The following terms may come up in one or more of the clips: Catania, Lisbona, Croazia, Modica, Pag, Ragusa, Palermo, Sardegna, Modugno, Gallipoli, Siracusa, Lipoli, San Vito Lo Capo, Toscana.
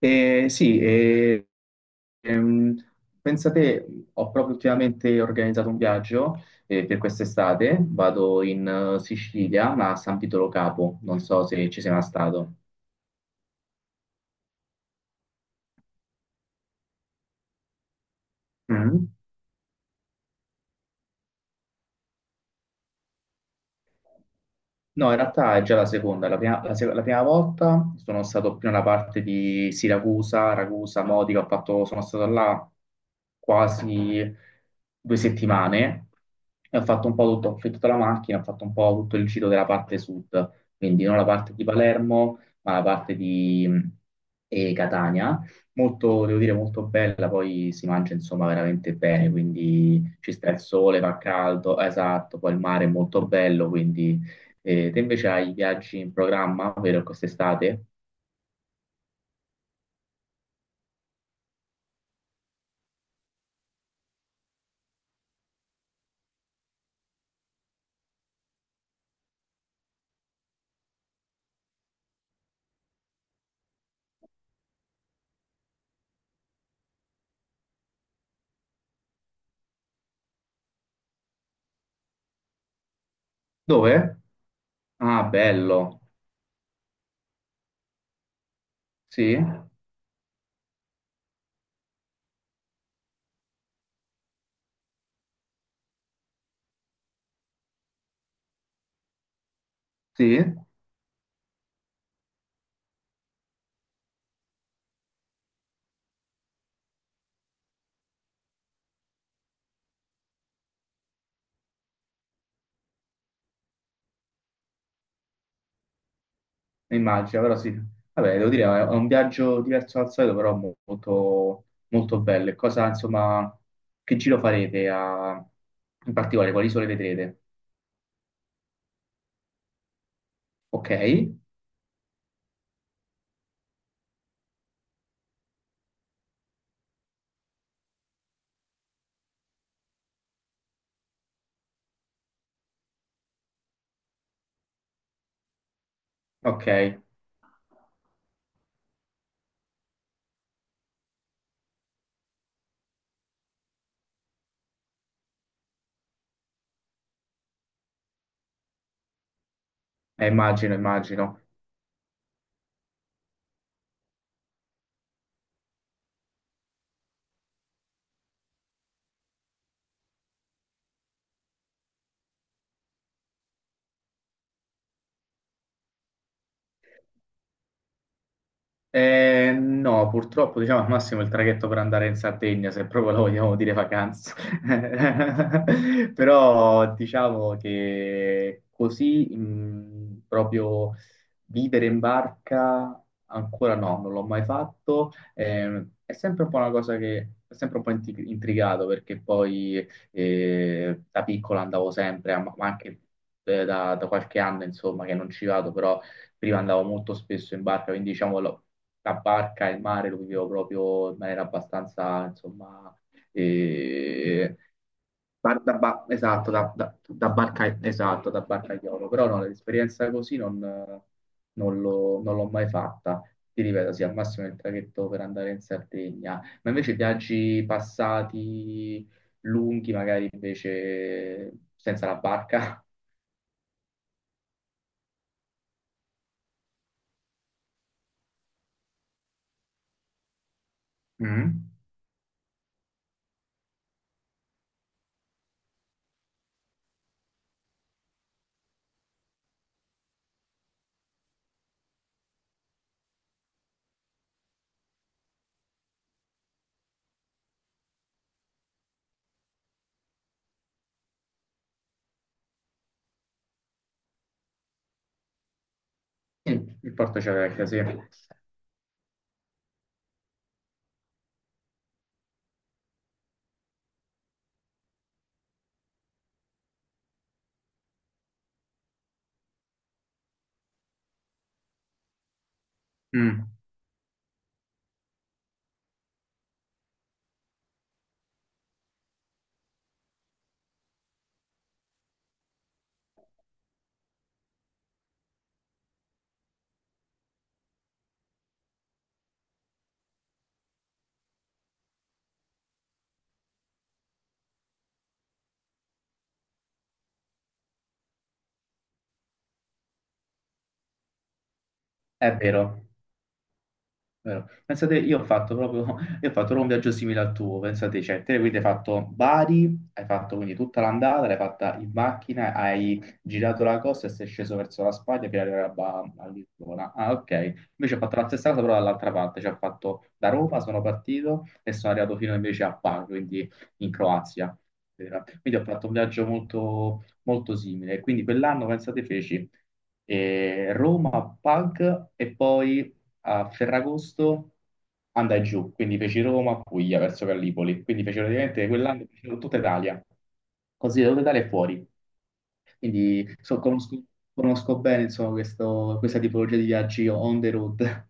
Eh, sì, eh, ehm, pensate, ho proprio ultimamente organizzato un viaggio per quest'estate, vado in Sicilia, ma a San Vito Lo Capo, non so se ci sei mai stato. Mm. No, in realtà è già la seconda. La prima, la se- la prima volta sono stato più nella parte di Siracusa, Ragusa, Modica. Ho fatto, sono stato là quasi due settimane e ho fatto un po' tutto, ho affittato la macchina, ho fatto un po' tutto il giro della parte sud, quindi non la parte di Palermo, ma la parte di Catania. Molto, devo dire, molto bella, poi si mangia insomma veramente bene, quindi ci sta il sole, fa caldo, esatto, poi il mare è molto bello, quindi. E te invece hai viaggi in programma, vero, quest'estate? Dove? Ah, bello. Sì, sì, immagino, però sì. Vabbè, devo dire, è un viaggio diverso dal solito, però molto, molto bello. E cosa, insomma, che in particolare? Quali isole vedrete? Ok, ok, immagino, immagino. No, purtroppo diciamo al massimo il traghetto per andare in Sardegna, se proprio lo vogliamo dire vacanza. Però diciamo che così, proprio vivere in barca ancora no, non l'ho mai fatto. È sempre un po' una cosa che è sempre un po' intrigato perché poi da piccolo andavo sempre, ma anche da qualche anno insomma che non ci vado, però prima andavo molto spesso in barca, quindi diciamo, la barca e il mare lo vivevo proprio in maniera abbastanza insomma eh, esatto, da barca, esatto, da barcaiolo, però no, l'esperienza così non, non l'ho mai fatta. Ti ripeto, sì, al massimo il traghetto per andare in Sardegna, ma invece viaggi passati lunghi, magari invece senza la barca. Mm. Sì, il porto c'è vecchio, sì. Mm. È vero. Vero. Pensate, io ho fatto proprio, io ho fatto proprio un viaggio simile al tuo, pensate, cioè, te quindi hai fatto Bari, hai fatto quindi tutta l'andata, l'hai fatta in macchina, hai girato la costa e sei sceso verso la Spagna per arrivare a, a Lisbona. Ah, ok. Invece ho fatto la stessa cosa però dall'altra parte, cioè ho fatto da Roma, sono partito e sono arrivato fino invece a Bar, quindi in Croazia. Quindi ho fatto un viaggio molto, molto simile. Quindi quell'anno, pensate, feci Roma, Pag e poi a Ferragosto andai giù, quindi feci Roma, Puglia verso Gallipoli, quindi feci praticamente quell'anno feci tutta Italia, così da tutta Italia e fuori. Conosco, conosco bene insomma, questa tipologia di viaggi on the road.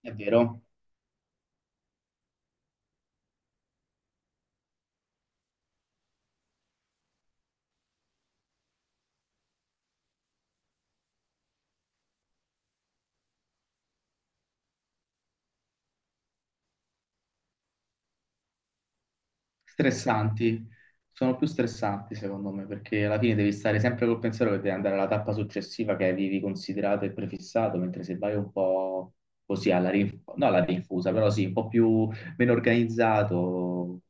È vero? Stressanti, sono più stressanti secondo me, perché alla fine devi stare sempre col pensiero che devi andare alla tappa successiva che avevi considerato e prefissato, mentre se vai un po' così alla rinfusa, no alla rinfusa, però sì, un po' più meno organizzato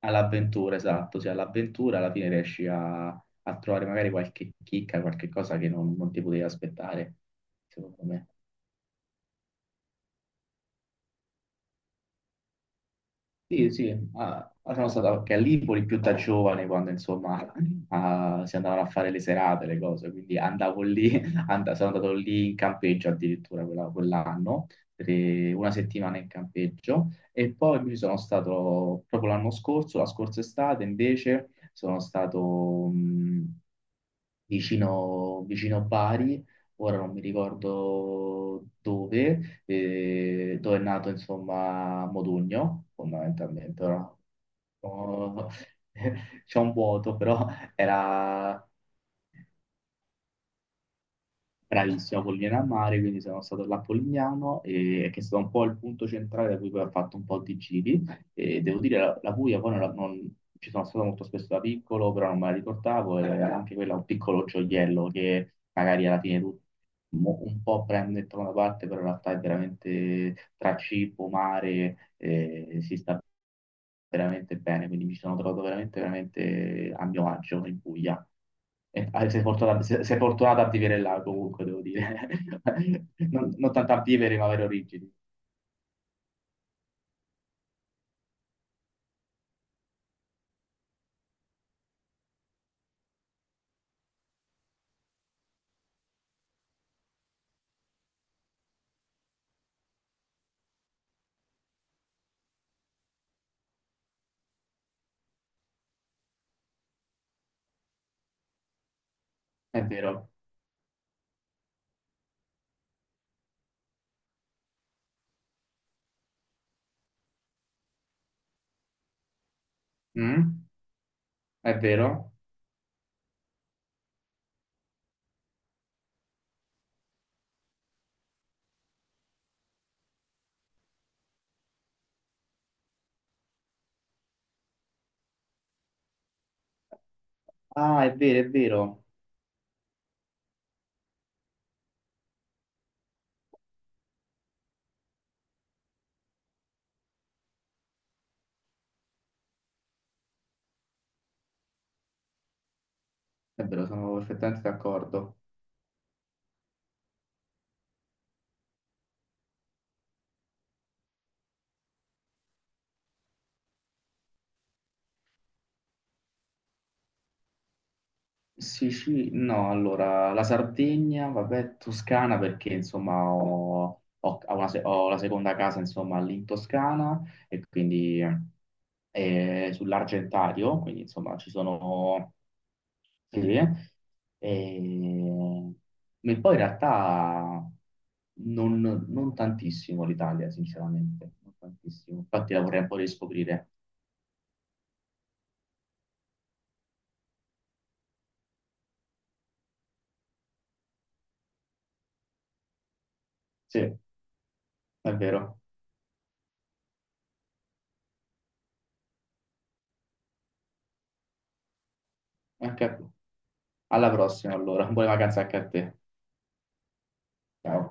all'avventura, esatto, sì, all'avventura alla fine riesci a, a trovare magari qualche chicca, qualche cosa che non, non ti potevi aspettare, secondo me. Sì, sì, ah, sono stato anche a Lipoli più da giovane quando insomma ah, si andavano a fare le serate, le cose, quindi andavo lì, sono andato lì in campeggio addirittura quell'anno, per una settimana in campeggio e poi mi sono stato proprio l'anno scorso, la scorsa estate invece sono stato vicino Bari ora non mi ricordo dove, dove è nato insomma Modugno, fondamentalmente, ora. Oh, c'è un vuoto, però era bravissimo, Pollina a Mare, quindi sono stato là a Polignano, che è stato un po' il punto centrale da cui poi ho fatto un po' di giri. E devo dire, la Puglia poi non, ci sono stato molto spesso da piccolo, però non me la ricordavo, e anche quella è un piccolo gioiello che magari alla fine tu un po' prende il da una parte, però in realtà è veramente tra cibo, mare, si sta veramente bene, quindi mi sono trovato veramente, veramente a mio agio in Puglia. E, ah, sei fortunato, sei fortunato a vivere là comunque, devo dire. Non, non tanto a vivere, ma avere origini. È vero. Mm? È vero? Ah, è vero, è vero. È vero, sono perfettamente d'accordo. Sicilia, no, allora la Sardegna, vabbè, Toscana perché insomma ho una ho la seconda casa insomma lì in Toscana e quindi sull'Argentario, quindi insomma ci sono. Sì, e. Ma poi in realtà non, non tantissimo l'Italia, sinceramente, non tantissimo. Infatti la vorrei un po' riscoprire. Sì, è vero. Anche a te. Alla prossima allora, buone vacanze anche a te. Ciao.